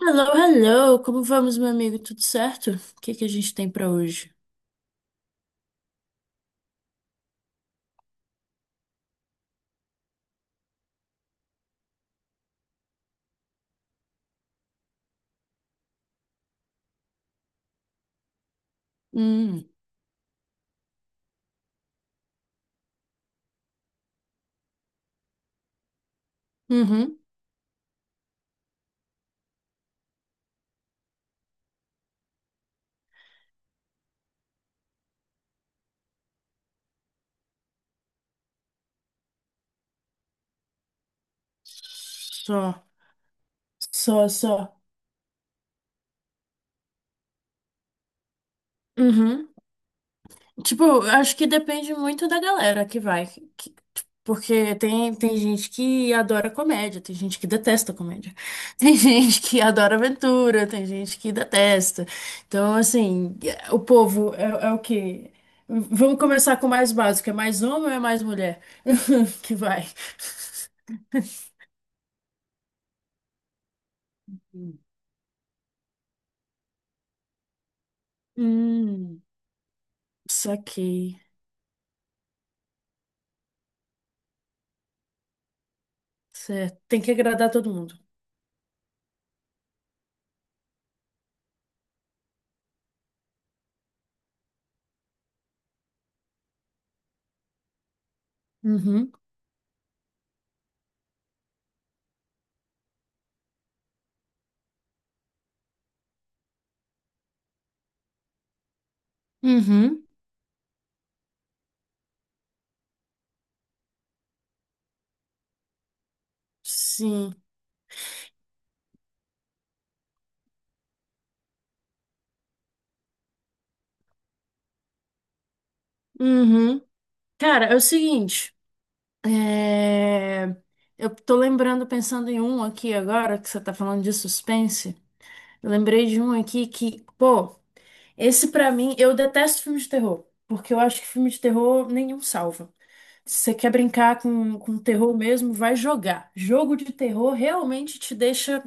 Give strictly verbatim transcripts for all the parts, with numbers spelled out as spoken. Hello, hello! Como vamos, meu amigo? Tudo certo? O que que a gente tem pra hoje? Hum. Uhum. Só, só, só. Uhum. Tipo, eu acho que depende muito da galera que vai. que- Porque tem, tem gente que adora comédia, tem gente que detesta comédia. Tem gente que adora aventura, tem gente que detesta. Então, assim, o povo é, é o quê? Vamos começar com o mais básico. É mais homem ou é mais mulher? Que vai. Hum, Saquei. Certo. Tem que agradar todo mundo. Uhum. Uhum. Sim. Uhum. Cara, é o seguinte. é, Eu tô lembrando, pensando em um aqui agora, que você tá falando de suspense. Eu lembrei de um aqui que, pô, esse pra mim, eu detesto filme de terror. Porque eu acho que filme de terror nenhum salva. Se você quer brincar com, com terror mesmo, vai jogar. Jogo de terror realmente te deixa.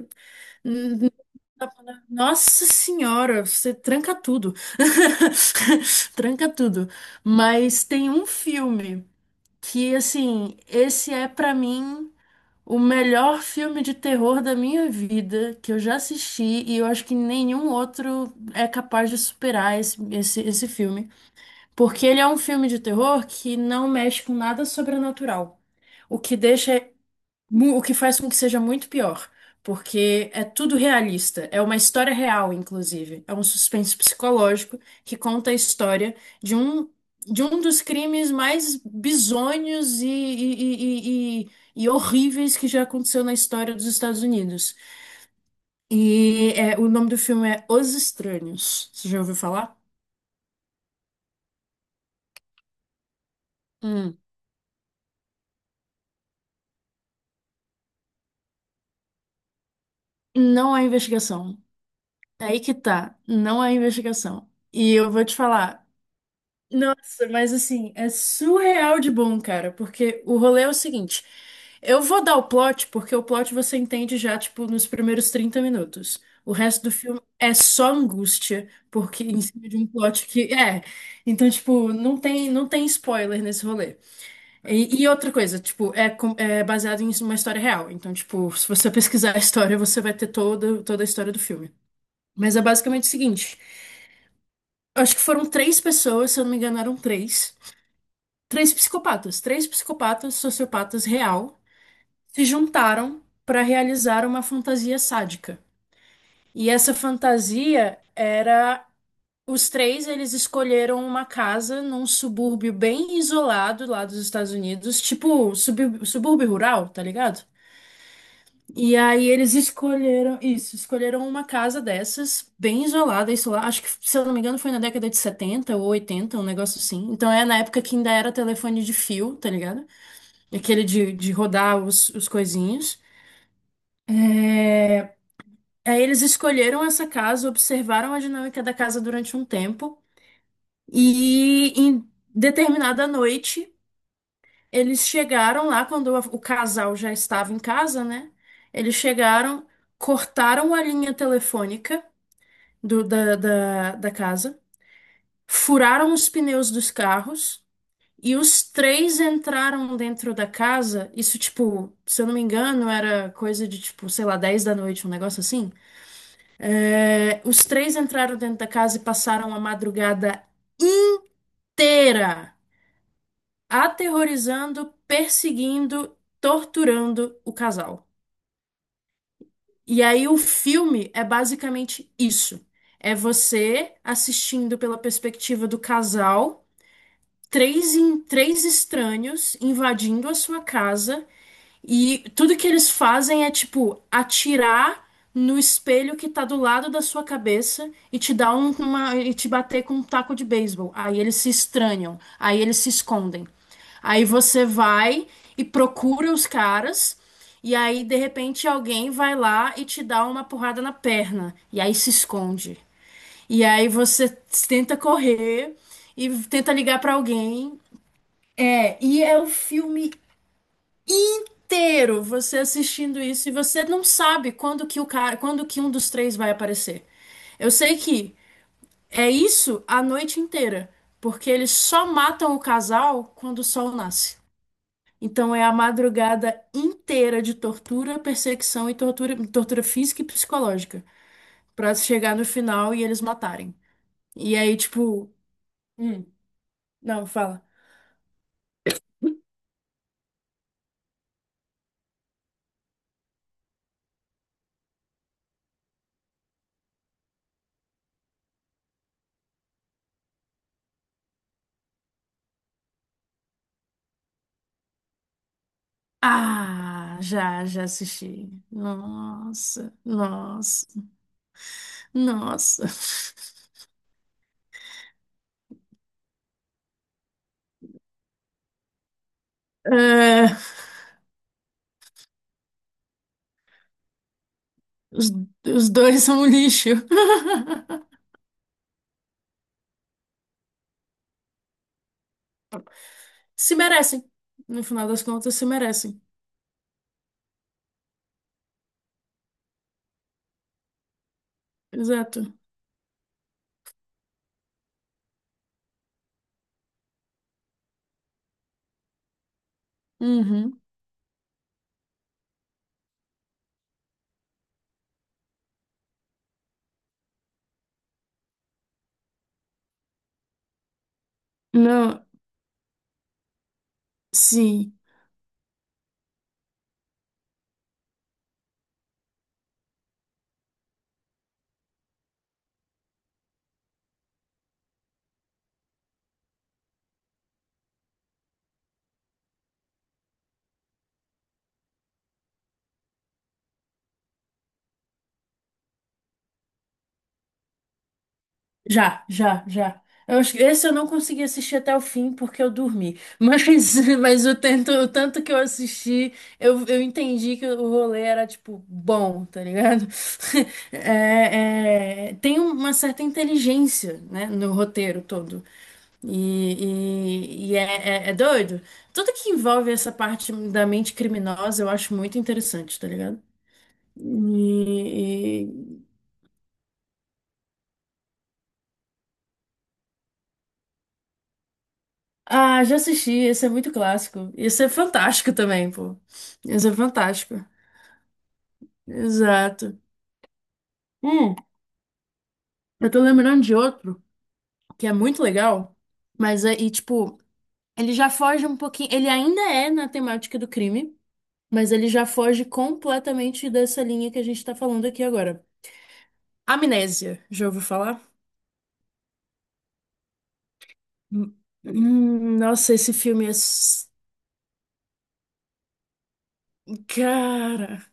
hum, Nossa senhora, você tranca tudo. Tranca tudo. Mas tem um filme que, assim, esse é pra mim o melhor filme de terror da minha vida que eu já assisti, e eu acho que nenhum outro é capaz de superar esse, esse, esse filme. Porque ele é um filme de terror que não mexe com nada sobrenatural. O que deixa Mu- O que faz com que seja muito pior, porque é tudo realista, é uma história real, inclusive. É um suspense psicológico que conta a história de um, de um dos crimes mais bizonhos e, e, e, e, e horríveis que já aconteceu na história dos Estados Unidos. E é, o nome do filme é Os Estranhos. Você já ouviu falar? Hum. Não há investigação. É, aí que tá, não há investigação. E eu vou te falar. Nossa, mas assim, é surreal de bom, cara, porque o rolê é o seguinte. Eu vou dar o plot, porque o plot você entende já, tipo, nos primeiros trinta minutos. O resto do filme é só angústia, porque em cima de um plot que é. Então, tipo, não tem, não tem spoiler nesse rolê. E, e outra coisa, tipo, é, com- é baseado em uma história real. Então, tipo, se você pesquisar a história, você vai ter toda, toda a história do filme. Mas é basicamente o seguinte. Eu acho que foram três pessoas, se eu não me engano, eram três. Três psicopatas, três psicopatas, sociopatas real, se juntaram para realizar uma fantasia sádica. E essa fantasia era os três, eles escolheram uma casa num subúrbio bem isolado lá dos Estados Unidos, tipo subúrbio, subúrbio rural, tá ligado? E aí eles escolheram isso, escolheram uma casa dessas, bem isolada, isso lá, acho que, se eu não me engano, foi na década de setenta ou oitenta, um negócio assim. Então é na época que ainda era telefone de fio, tá ligado? Aquele de, de rodar os, os coisinhos. É, Aí eles escolheram essa casa, observaram a dinâmica da casa durante um tempo e em determinada noite eles chegaram lá quando a- o casal já estava em casa, né? Eles chegaram, cortaram a linha telefônica do- da, da, da casa, furaram os pneus dos carros. E os três entraram dentro da casa, isso, tipo, se eu não me engano, era coisa de, tipo, sei lá, dez da noite, um negócio assim. É, os três entraram dentro da casa e passaram a madrugada inteira aterrorizando, perseguindo, torturando o casal. E aí o filme é basicamente isso. É você assistindo pela perspectiva do casal, três, em, três estranhos invadindo a sua casa. E tudo que eles fazem é tipo atirar no espelho que tá do lado da sua cabeça e te dar um- uma e te bater com um taco de beisebol. Aí eles se estranham, aí eles se escondem. Aí você vai e procura os caras, e aí de repente alguém vai lá e te dá uma porrada na perna e aí se esconde. E aí você tenta correr e tenta ligar pra alguém. É, e é o filme inteiro você assistindo isso, e você não sabe quando que o cara, quando que um dos três vai aparecer. Eu sei que é isso a noite inteira, porque eles só matam o casal quando o sol nasce. Então é a madrugada inteira de tortura, perseguição e tortura, tortura física e psicológica. Pra chegar no final e eles matarem. E aí, tipo, hum, não, fala. Ah, já, já assisti. Nossa, nossa. Nossa. É, os, os dois são um lixo. Se merecem. No final das contas, se merecem. Exato. Uhum. Não, sim. Já, já, já. Eu acho que esse eu não consegui assistir até o fim porque eu dormi. Mas, mas o tanto, o tanto que eu assisti, eu, eu entendi que o rolê era, tipo, bom, tá ligado? É, é, tem uma certa inteligência, né, no roteiro todo. E, e, e é, é, é doido. Tudo que envolve essa parte da mente criminosa eu acho muito interessante, tá ligado? E, Ah, já assisti, esse é muito clássico. Esse é fantástico também, pô. Esse é fantástico. Exato. Hum, eu tô lembrando de outro que é muito legal, mas é, e tipo, ele já foge um pouquinho, ele ainda é na temática do crime, mas ele já foge completamente dessa linha que a gente tá falando aqui agora. Amnésia, já ouviu falar? Hum, hum, Nossa, esse filme é. s- Cara.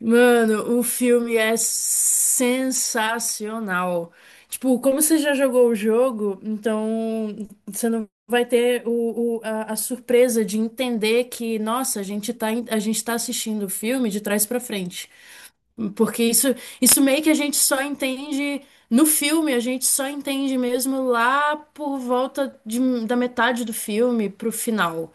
Mano, o filme é sensacional. Tipo, como você já jogou o jogo, então você não vai ter o, o- a, a surpresa de entender que, nossa, a gente tá, em- a gente tá assistindo o filme de trás pra frente. Porque isso, isso meio que a gente só entende no filme, a gente só entende mesmo lá por volta de- da metade do filme pro final.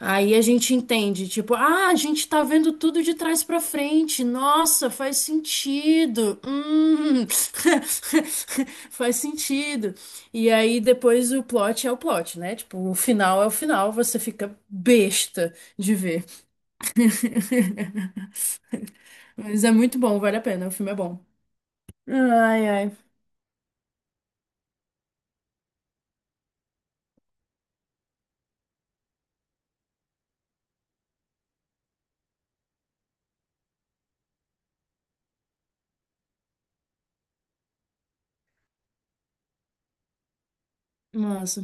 Aí a gente entende, tipo, ah, a gente tá vendo tudo de trás pra frente. Nossa, faz sentido. Hum, faz sentido. E aí depois o plot é o plot, né? Tipo, o final é o final, você fica besta de ver. Mas é muito bom, vale a pena, o filme é bom. Ai, ai. Nossa.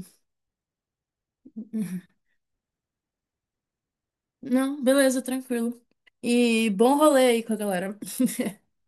Não, beleza, tranquilo. E bom rolê aí com a galera.